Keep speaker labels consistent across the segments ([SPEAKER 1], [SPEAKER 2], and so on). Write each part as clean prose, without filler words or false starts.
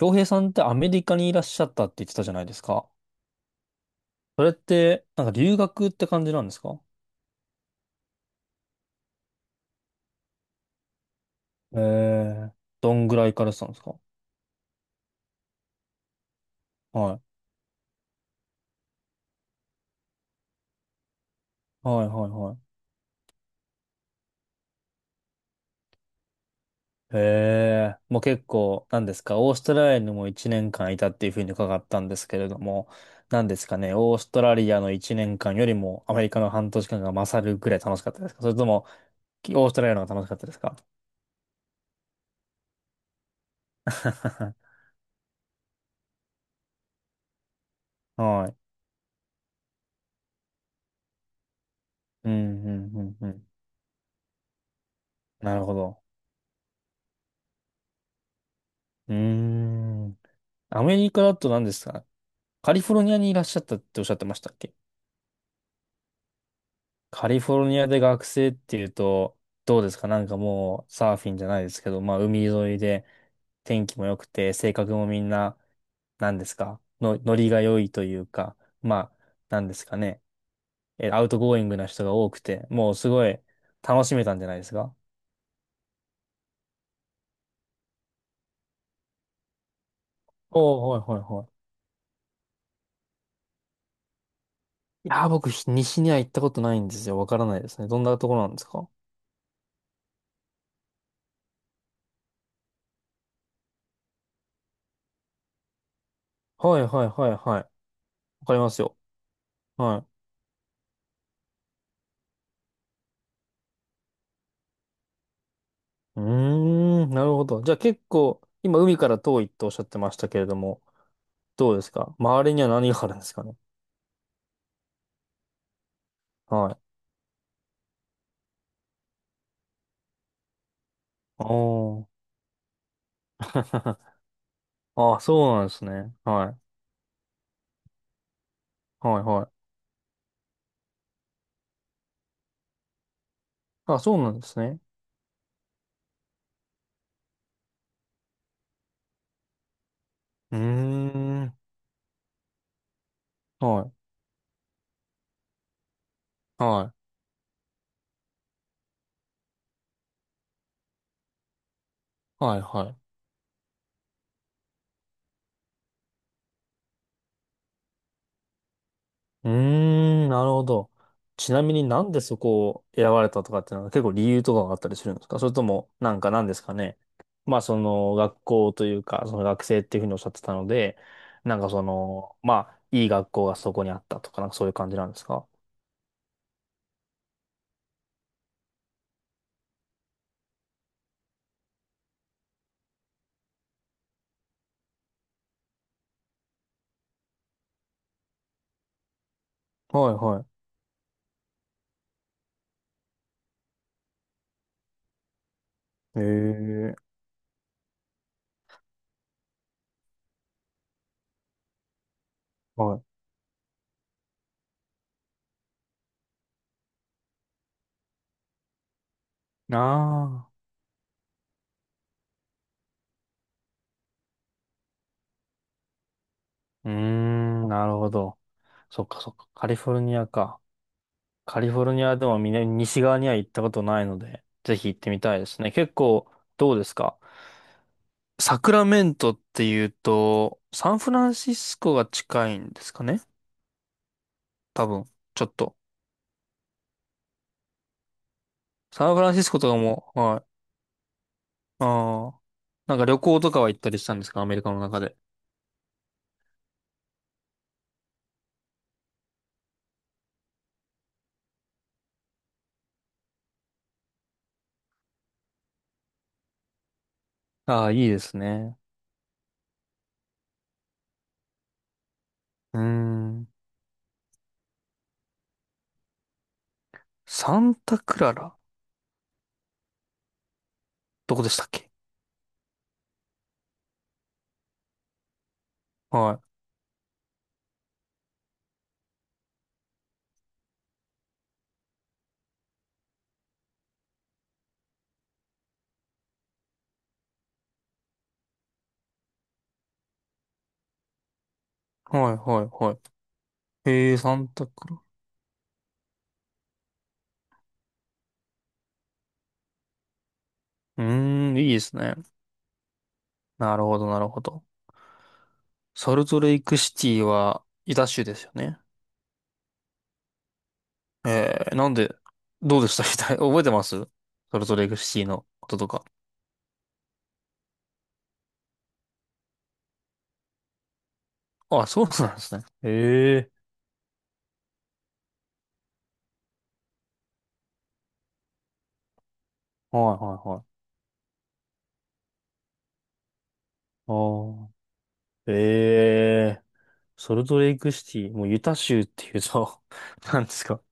[SPEAKER 1] 洋平さんってアメリカにいらっしゃったって言ってたじゃないですか。それって、なんか留学って感じなんですか？ええ。どんぐらい行かれてたんですか？はい。はいはいはい。へえ、もう結構、なんですか、オーストラリアにも1年間いたっていうふうに伺ったんですけれども、なんですかね、オーストラリアの1年間よりもアメリカの半年間が勝るぐらい楽しかったですか？それとも、オーストラリアの方が楽しかったですか？ はい。うん、うん、うん、うん。なるほど。うーん。アメリカだと何ですか？カリフォルニアにいらっしゃったっておっしゃってましたっけ？カリフォルニアで学生っていうと、どうですか？なんかもうサーフィンじゃないですけど、まあ海沿いで天気も良くて、性格もみんな、何ですかの、ノリが良いというか、まあ、何ですかね。え、アウトゴーイングな人が多くて、もうすごい楽しめたんじゃないですか？おおー、はいはいはい。いやー、僕、西には行ったことないんですよ。わからないですね。どんなところなんですか？はいはいはいはい。わかりますよ。はい。うーん、なるほど。じゃあ結構、今海から遠いっておっしゃってましたけれども、どうですか？周りには何があるんですかね？はい。あー。 あ、そうなんですね。はい。はい、はい。あ、そうなんですね。うーん。はい。はい。はい、はい。うーん、なるほど。ちなみになんでそこを選ばれたとかっていうのは結構理由とかがあったりするんですか？それとも、なんか何ですかね。まあその学校というか、その学生っていうふうにおっしゃってたので、なんかその、まあいい学校がそこにあったとか、なんかそういう感じなんですか？はいはい。へえ、はい。ああ、うーん、なるほど。そっかそっか。カリフォルニアか。カリフォルニアでも南、西側には行ったことないので、ぜひ行ってみたいですね。結構、どうですか？サクラメントっていうと、サンフランシスコが近いんですかね？多分、ちょっと。サンフランシスコとかも、はい。ああ。なんか旅行とかは行ったりしたんですか？アメリカの中で。ああ、いいですね。うーん。サンタクララ？どこでしたっけ？はい。はい、はい、はい。へえ、サンタクラ。うーん、いいですね。なるほど、なるほど。ソルトレイクシティは、ユタ州ですよね。なんで、どうでした？ 覚えてます？ソルトレイクシティのこととか。あ、そうなんですね。ええ。はいはいはい。ああ、ええ。ソルトレイクシティ、もうユタ州っていうと なんですか。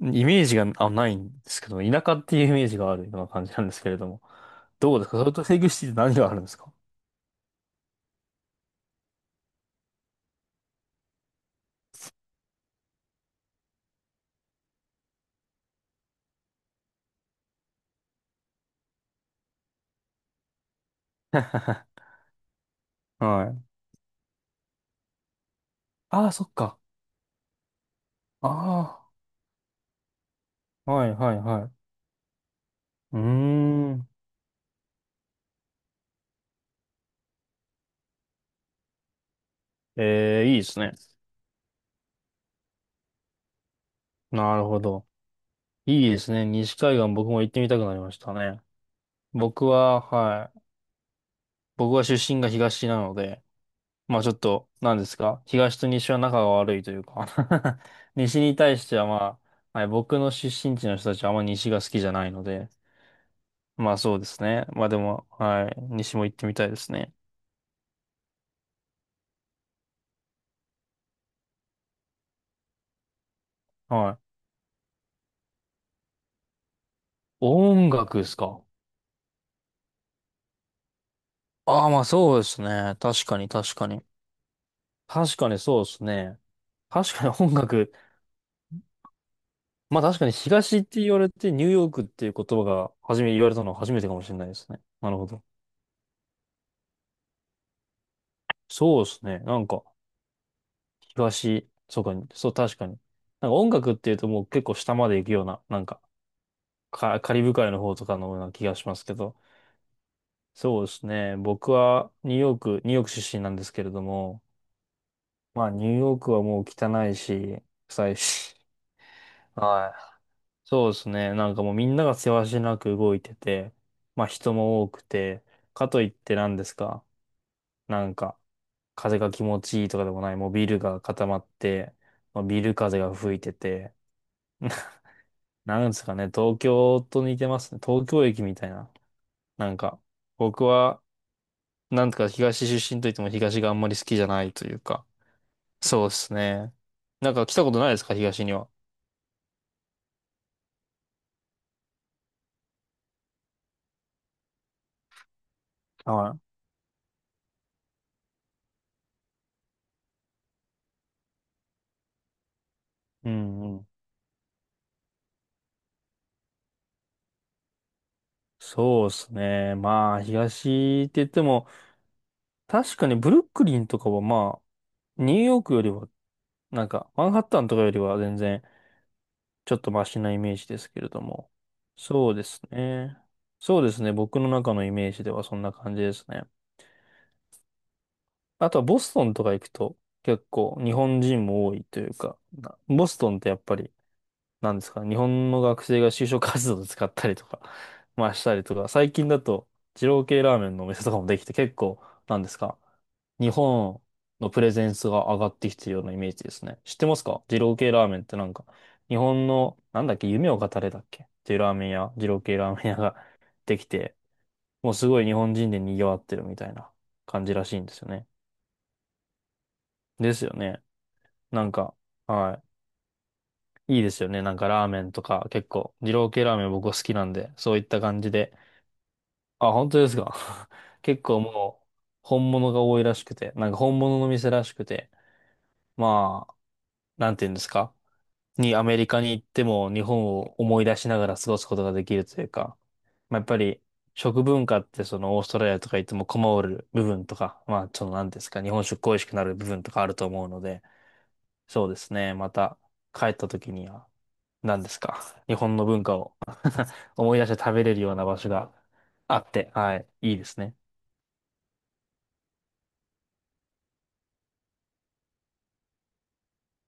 [SPEAKER 1] イメージがないんですけど、田舎っていうイメージがあるような感じなんですけれども。どうですか？ソルトレイクシティって何があるんですか？ はい。ああ、そっか。ああ、はいはいはい。うーん。ええ、いいですね。なるほど。いいですね。西海岸僕も行ってみたくなりましたね。僕は、はい。僕は出身が東なので、まあちょっと、なんですか。東と西は仲が悪いというか、 西に対してはまあ、はい、僕の出身地の人たちはあんま西が好きじゃないので、まあそうですね。まあでも、はい。西も行ってみたいですね。はい。音楽ですか？ああ、まあそうですね。確かに確かに。確かにそうですね。確かに音楽。まあ確かに東って言われてニューヨークっていう言葉が初め言われたのは初めてかもしれないですね。なるほど。そうですね。なんか東、そうか、そう確かに。なんか音楽っていうともう結構下まで行くような、なんかカリブ海の方とかのような気がしますけど。そうですね。僕はニューヨーク出身なんですけれども、まあニューヨークはもう汚いし、臭いし。はい。そうですね。なんかもうみんながせわしなく動いてて、まあ人も多くて、かといって何ですか？なんか、風が気持ちいいとかでもない、もうビルが固まって、まあ、ビル風が吹いてて、なんですかね、東京と似てますね。東京駅みたいな。なんか、僕は、なんとか東出身といっても東があんまり好きじゃないというか、そうですね。なんか来たことないですか、東には。はい。うんうん。そうですね。まあ、東って言っても、確かにブルックリンとかはまあ、ニューヨークよりは、なんか、マンハッタンとかよりは全然、ちょっとマシなイメージですけれども。そうですね。そうですね。僕の中のイメージではそんな感じですね。あとはボストンとか行くと結構日本人も多いというか、ボストンってやっぱりなんですか、日本の学生が就職活動で使ったりとか、まあしたりとか、最近だと、二郎系ラーメンのお店とかもできて、結構、なんですか、日本のプレゼンスが上がってきてるようなイメージですね。知ってますか？二郎系ラーメンって、なんか、日本の、なんだっけ、夢を語れだっけっていうラーメン屋、二郎系ラーメン屋が できて、もうすごい日本人で賑わってるみたいな感じらしいんですよね。ですよね。なんか、はい。いいですよね。なんかラーメンとか結構、二郎系ラーメン僕は好きなんで、そういった感じで。あ、本当ですか。結構もう、本物が多いらしくて、なんか本物の店らしくて、まあ、なんていうんですか。にアメリカに行っても日本を思い出しながら過ごすことができるというか、まあ、やっぱり食文化ってそのオーストラリアとか行っても困る部分とか、まあそのなんていうんですか、日本食恋しくなる部分とかあると思うので、そうですね。また帰った時には、何ですか。日本の文化を思い出して食べれるような場所があって、はい、いいですね。